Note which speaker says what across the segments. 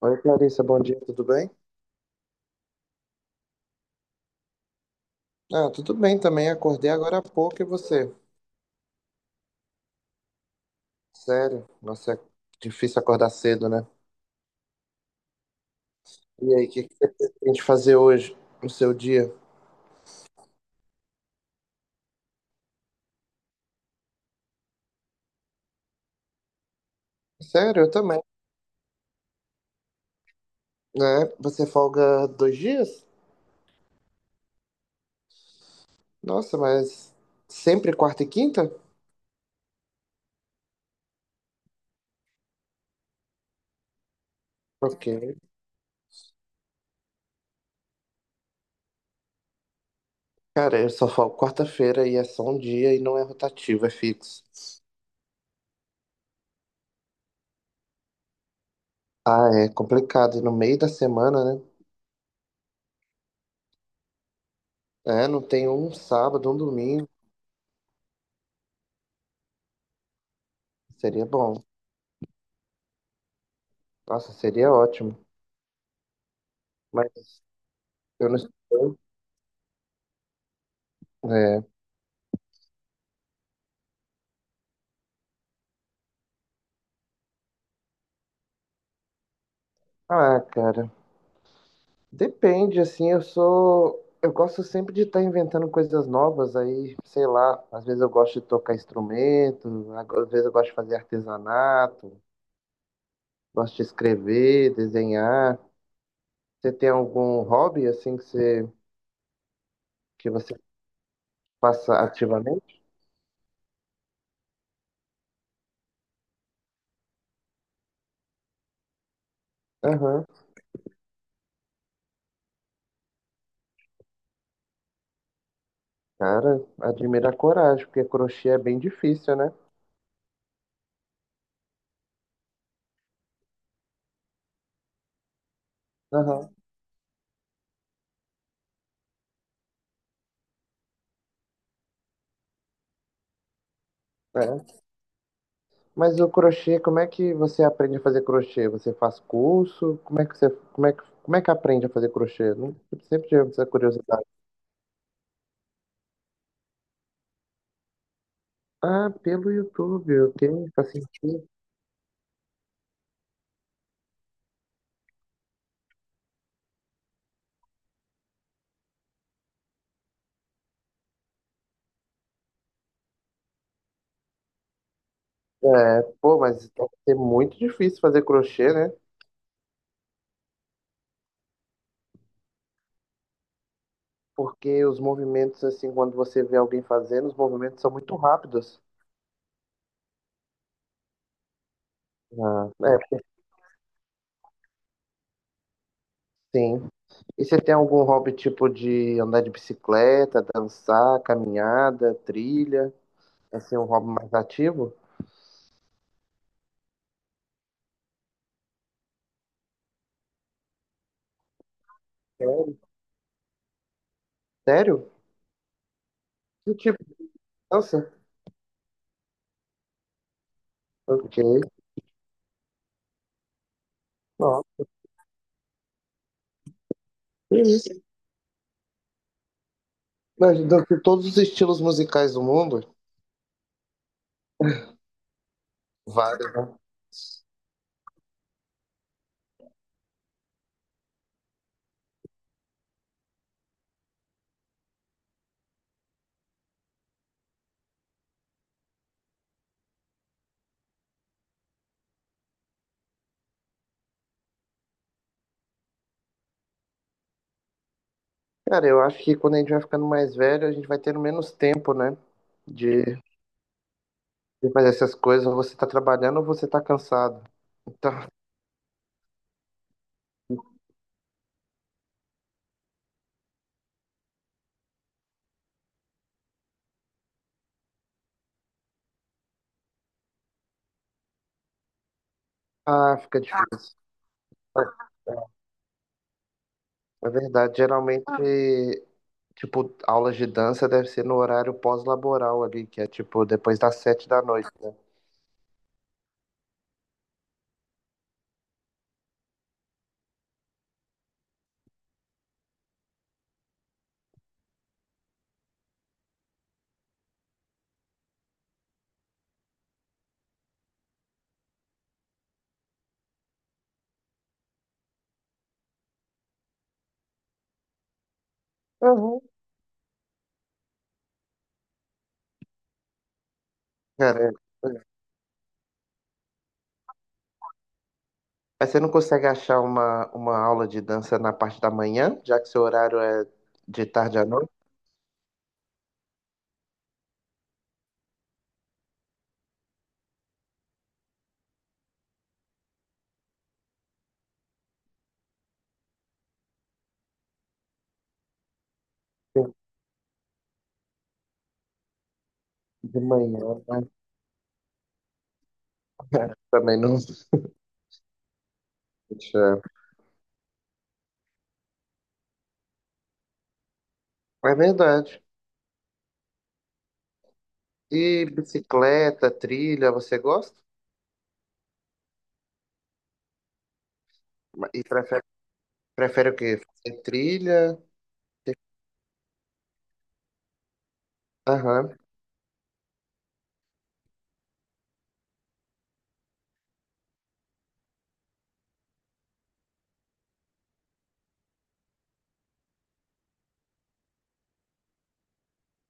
Speaker 1: Oi, Clarissa, bom dia, tudo bem? Ah, tudo bem também, acordei agora há pouco e você? Sério? Nossa, é difícil acordar cedo, né? E aí, o que que você pretende fazer hoje, no seu dia? Sério, eu também. Né? Você folga dois dias? Nossa, mas sempre quarta e quinta? Ok. Cara, eu só folgo quarta-feira e é só um dia e não é rotativo, é fixo. Ah, é complicado. E no meio da semana, né? É, não tem um sábado, um domingo. Seria bom. Nossa, seria ótimo. Mas eu não sei. É. Ah, cara. Depende, assim, eu sou. Eu gosto sempre de estar inventando coisas novas, aí, sei lá, às vezes eu gosto de tocar instrumento, às vezes eu gosto de fazer artesanato, gosto de escrever, desenhar. Você tem algum hobby, assim, que você faça ativamente? Aham. Cara, admira a coragem, porque crochê é bem difícil, né? Aham. É. Mas o crochê, como é que você aprende a fazer crochê? Você faz curso? Como é que você, como é que aprende a fazer crochê? Eu sempre tive essa curiosidade. Ah, pelo YouTube, ok, faz sentido. É, pô, mas deve ser muito difícil fazer crochê, né? Porque os movimentos, assim, quando você vê alguém fazendo, os movimentos são muito rápidos. Ah, é, sim. E você tem algum hobby tipo de andar de bicicleta, dançar, caminhada, trilha? Assim, um hobby mais ativo? Sério? Sério? Que tipo de dança? Ok. Ó, é isso. Mas de todos os estilos musicais do mundo, vários, né? Cara, eu acho que quando a gente vai ficando mais velho, a gente vai tendo menos tempo, né? De, de fazer essas coisas. Ou você tá trabalhando ou você tá cansado. Então, ah, fica difícil. É é verdade, geralmente, tipo, aulas de dança deve ser no horário pós-laboral ali, que é tipo depois das sete da noite, né? Uhum. Cara, mas você não consegue achar uma aula de dança na parte da manhã, já que seu horário é de tarde à noite? De manhã, mas também não. Puxa, é verdade. E bicicleta, trilha, você gosta? E prefere, prefere o quê? Fazer trilha? Aham.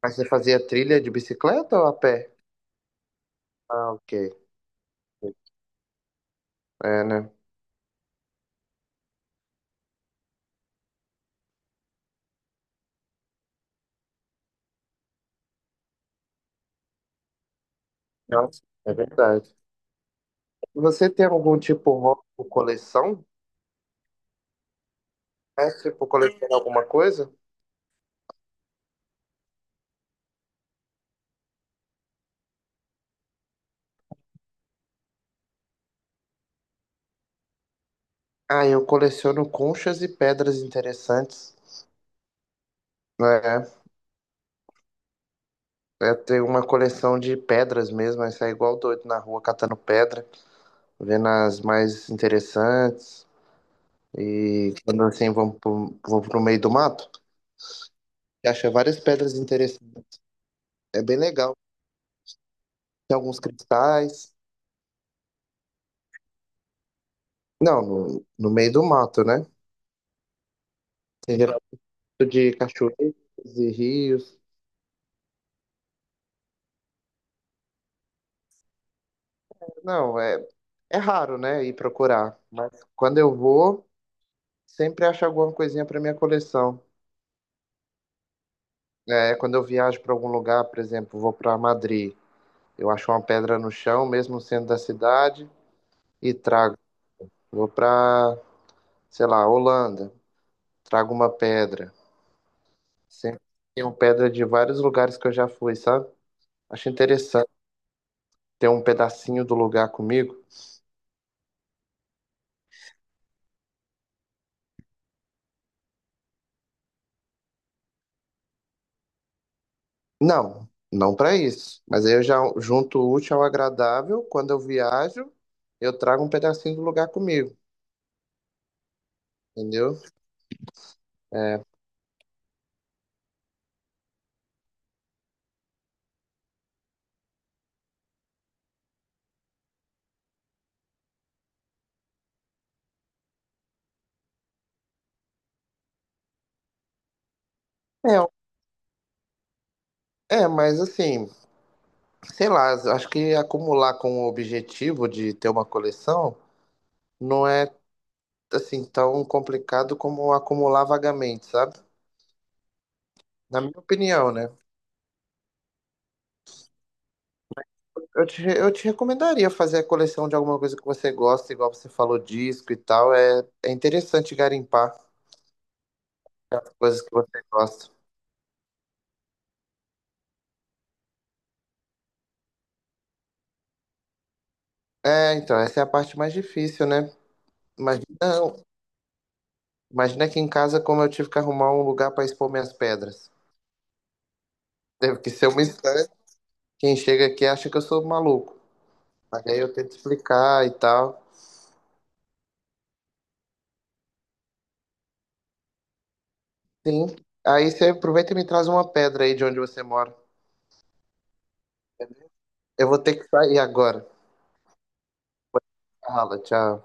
Speaker 1: Mas você fazia trilha de bicicleta ou a pé? Ah, ok. É, né? Nossa, é verdade. Você tem algum tipo de hobby ou coleção? É tipo colecionar alguma coisa? Ah, eu coleciono conchas e pedras interessantes. Né? Eu tenho uma coleção de pedras mesmo, aí sai igual doido na rua catando pedra, vendo as mais interessantes. E quando assim vou pro meio do mato, acha várias pedras interessantes. É bem legal. Tem alguns cristais. Não, no meio do mato, né? Tem geralmente de cachoeiras e rios. Não, é, é raro, né? Ir procurar. Mas quando eu vou, sempre acho alguma coisinha para minha coleção. É, quando eu viajo para algum lugar, por exemplo, vou para Madrid, eu acho uma pedra no chão, mesmo sendo da cidade, e trago. Vou para, sei lá, Holanda, trago uma pedra. Sempre tenho pedra de vários lugares que eu já fui, sabe? Acho interessante ter um pedacinho do lugar comigo. Não, não para isso. Mas aí eu já junto o útil ao agradável. Quando eu viajo, eu trago um pedacinho do lugar comigo, entendeu? É, é, mas assim, sei lá, acho que acumular com o objetivo de ter uma coleção não é assim tão complicado como acumular vagamente, sabe? Na minha opinião, né? Eu te recomendaria fazer a coleção de alguma coisa que você gosta, igual você falou, disco e tal. É, é interessante garimpar as coisas que você gosta. É, então, essa é a parte mais difícil, né? Imagina, imagina aqui em casa como eu tive que arrumar um lugar para expor minhas pedras. Teve que ser uma estante. Quem chega aqui acha que eu sou maluco. Mas aí eu tento explicar e tal. Sim. Aí você aproveita e me traz uma pedra aí de onde você mora. Eu vou ter que sair agora. Fala, tchau.